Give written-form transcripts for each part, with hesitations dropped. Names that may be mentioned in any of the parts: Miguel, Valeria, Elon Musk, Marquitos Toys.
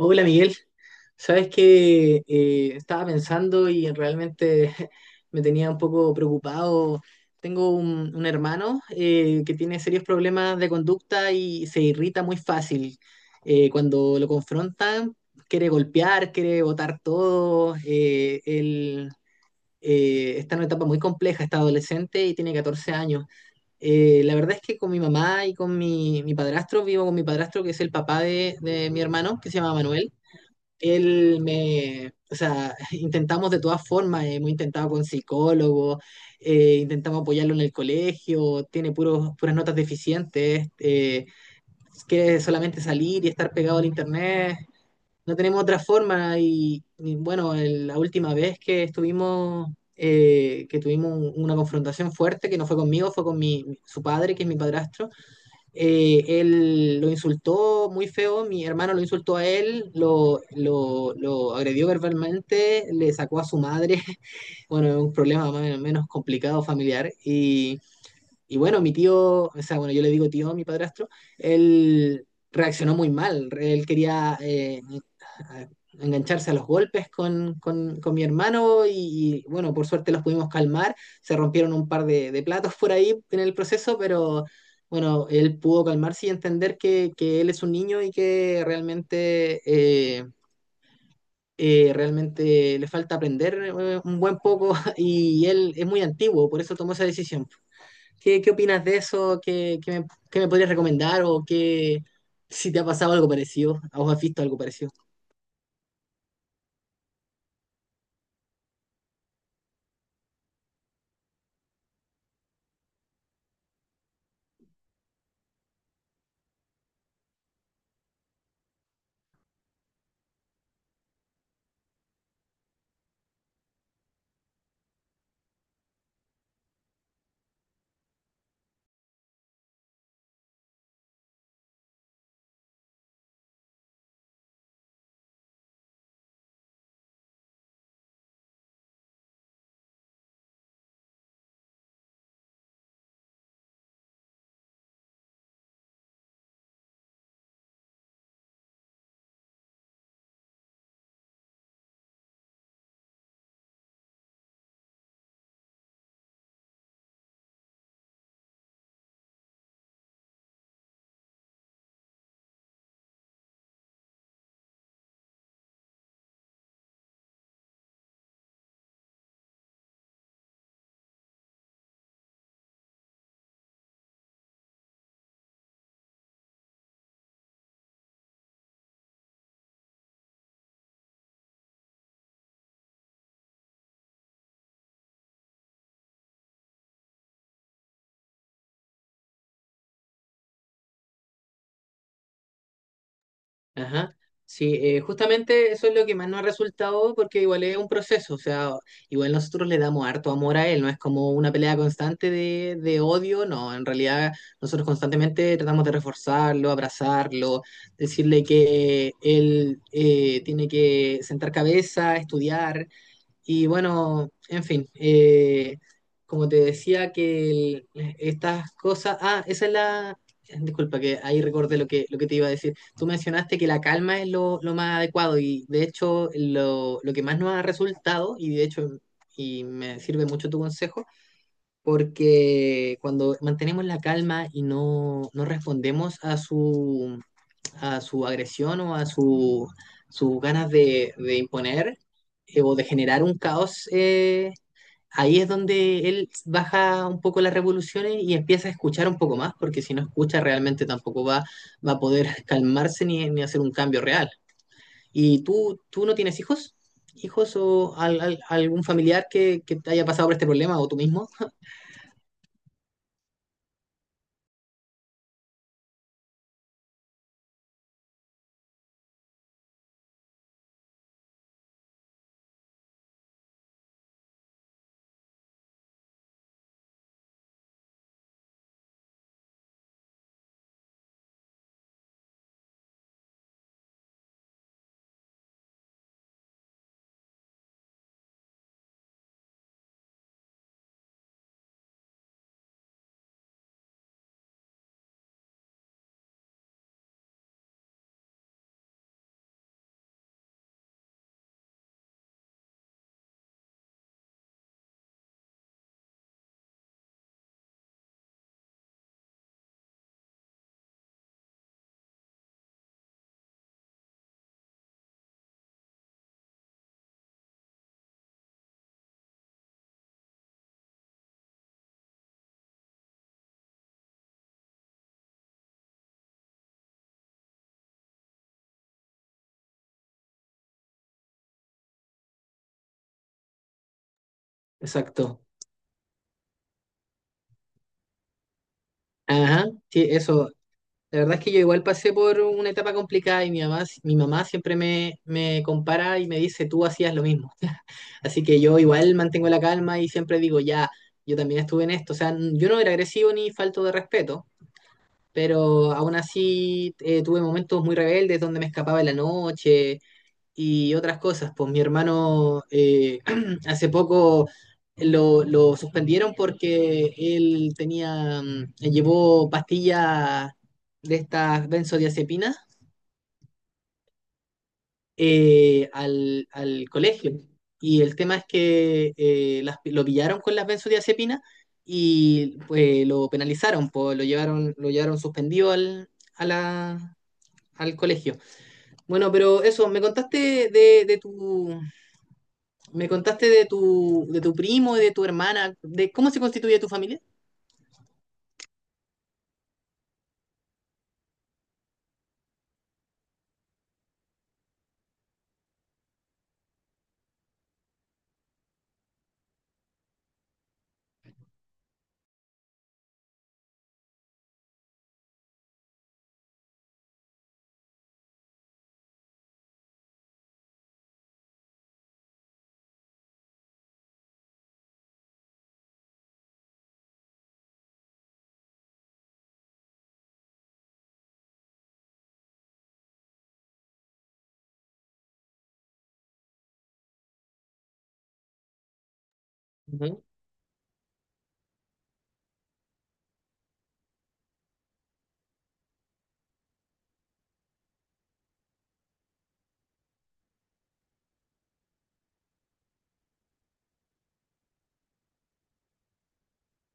Hola, Miguel. Sabes que estaba pensando y realmente me tenía un poco preocupado. Tengo un hermano que tiene serios problemas de conducta y se irrita muy fácil. Cuando lo confrontan, quiere golpear, quiere botar todo. Él está en una etapa muy compleja, está adolescente y tiene 14 años. La verdad es que con mi mamá y con mi padrastro, vivo con mi padrastro, que es el papá de mi hermano, que se llama Manuel. Él me, o sea, intentamos de todas formas, hemos intentado con psicólogos, intentamos apoyarlo en el colegio, tiene puras notas deficientes, quiere solamente salir y estar pegado al internet, no tenemos otra forma, y bueno, la última vez que estuvimos... que tuvimos una confrontación fuerte que no fue conmigo, fue con su padre, que es mi padrastro, él lo insultó muy feo, mi hermano lo insultó a él, lo agredió verbalmente, le sacó a su madre. Bueno, un problema más o menos complicado familiar. Y bueno, mi tío, o sea, bueno, yo le digo tío a mi padrastro, él reaccionó muy mal. Él quería a- engancharse a los golpes con mi hermano y bueno, por suerte los pudimos calmar. Se rompieron un par de platos por ahí en el proceso, pero bueno, él pudo calmarse y entender que él es un niño y que realmente... eh, realmente le falta aprender un buen poco. Y él es muy antiguo, por eso tomó esa decisión. Qué opinas de eso? Qué me podrías recomendar? ¿O qué, si te ha pasado algo parecido? ¿A has visto algo parecido? Ajá. Sí, justamente eso es lo que más nos ha resultado, porque igual es un proceso, o sea, igual nosotros le damos harto amor a él, no es como una pelea constante de odio, no, en realidad nosotros constantemente tratamos de reforzarlo, abrazarlo, decirle que él tiene que sentar cabeza, estudiar. Y bueno, en fin, como te decía que estas cosas, ah, esa es la, disculpa, que ahí recordé lo que te iba a decir. Tú mencionaste que la calma es lo más adecuado, y de hecho lo que más nos ha resultado, y de hecho y me sirve mucho tu consejo, porque cuando mantenemos la calma y no respondemos a su agresión o a su, sus ganas de imponer o de generar un caos, ahí es donde él baja un poco las revoluciones y empieza a escuchar un poco más, porque si no escucha realmente tampoco va, va a poder calmarse ni hacer un cambio real. ¿Y tú no tienes hijos? ¿Hijos o algún familiar que te haya pasado por este problema, o tú mismo? Exacto. Ajá, sí, eso. La verdad es que yo igual pasé por una etapa complicada, y mi mamá siempre me compara y me dice, tú hacías lo mismo. Así que yo igual mantengo la calma y siempre digo, ya, yo también estuve en esto. O sea, yo no era agresivo ni falto de respeto, pero aún así tuve momentos muy rebeldes donde me escapaba en la noche, y otras cosas. Pues mi hermano hace poco lo suspendieron porque él tenía, llevó pastillas de estas benzodiazepinas al colegio. Y el tema es que lo pillaron con las benzodiazepinas, y pues lo penalizaron, pues lo llevaron suspendido a la- al colegio. Bueno, pero eso, me contaste me contaste de de tu primo y de tu hermana, de cómo se constituye tu familia. Ujú,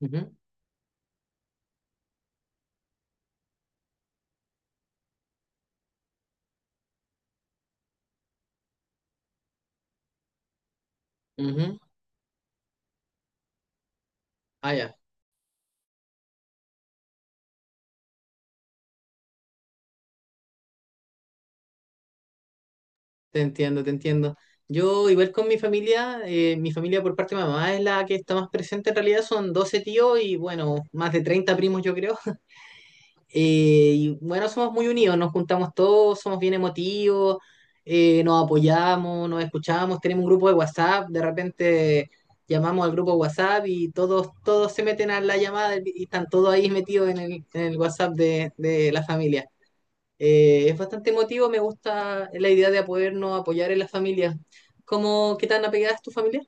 ujú, ujú. Ah, ya, te entiendo, te entiendo. Yo, igual con mi familia por parte de mamá es la que está más presente en realidad, son 12 tíos y bueno, más de 30 primos, yo creo. Y bueno, somos muy unidos, nos juntamos todos, somos bien emotivos, nos apoyamos, nos escuchamos, tenemos un grupo de WhatsApp, de repente llamamos al grupo de WhatsApp y todos, todos se meten a la llamada y están todos ahí metidos en en el WhatsApp de la familia. Es bastante emotivo, me gusta la idea de podernos apoyar en la familia. ¿Cómo, qué tan apegada es tu familia?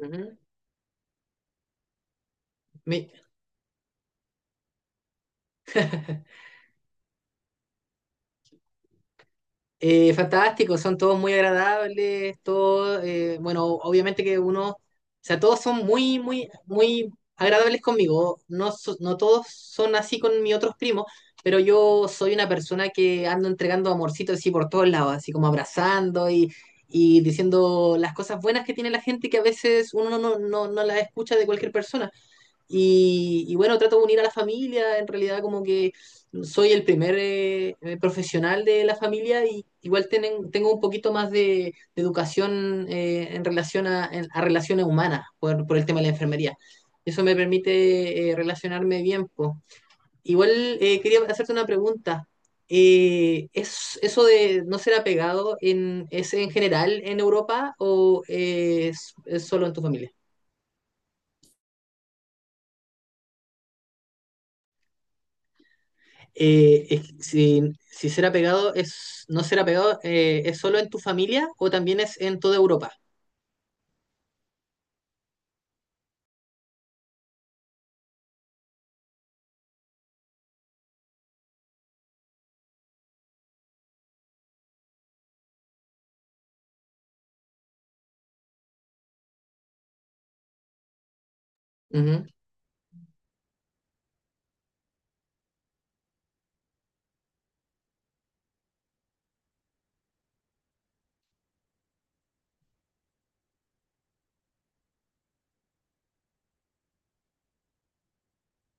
Ujú. Mi- fantástico, son todos muy agradables, todos, bueno, obviamente que uno, o sea, todos son muy, muy, muy agradables conmigo, no, no todos son así con mis otros primos, pero yo soy una persona que ando entregando amorcitos así por todos lados, así como abrazando y diciendo las cosas buenas que tiene la gente, que a veces uno no las escucha de cualquier persona. Y bueno, trato de unir a la familia, en realidad, como que soy el primer profesional de la familia, y igual tienen, tengo un poquito más de educación en relación a, a relaciones humanas por el tema de la enfermería. Eso me permite relacionarme bien, po. Igual quería hacerte una pregunta. ¿Es, eso de no ser apegado en, es en general en Europa, o es solo en tu familia? Si, si será pegado, es, no será pegado, ¿es solo en tu familia o también es en toda Europa? Ujú,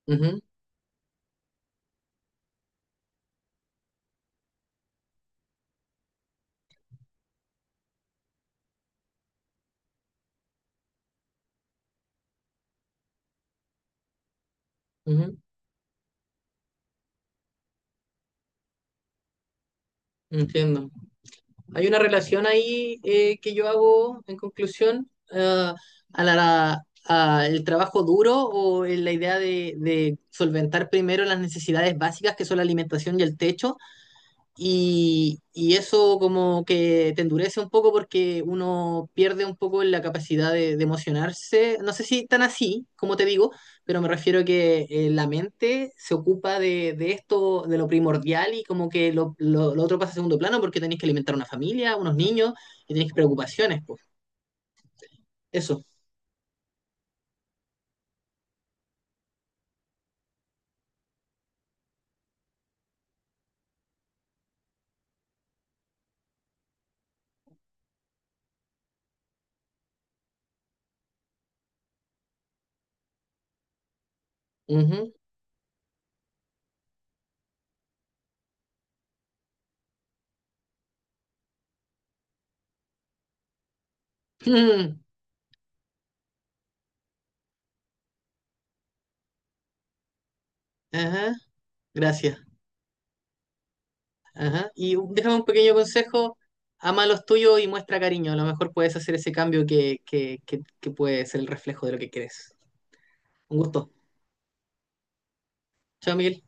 ujú, ujú, entiendo. Hay una relación ahí que yo hago en conclusión, a la, a el trabajo duro, o en la idea de solventar primero las necesidades básicas, que son la alimentación y el techo. Y eso como que te endurece un poco, porque uno pierde un poco la capacidad de emocionarse. No sé si tan así, como te digo, pero me refiero a que la mente se ocupa de esto, de lo primordial, y como que lo otro pasa a segundo plano porque tenés que alimentar una familia, unos niños, y tenés preocupaciones, pues. Eso. Ujú. Ajá. Gracias. Ajá. Y déjame un pequeño consejo, ama a los tuyos y muestra cariño. A lo mejor puedes hacer ese cambio que puede ser el reflejo de lo que quieres. Un gusto. Chao, Miguel.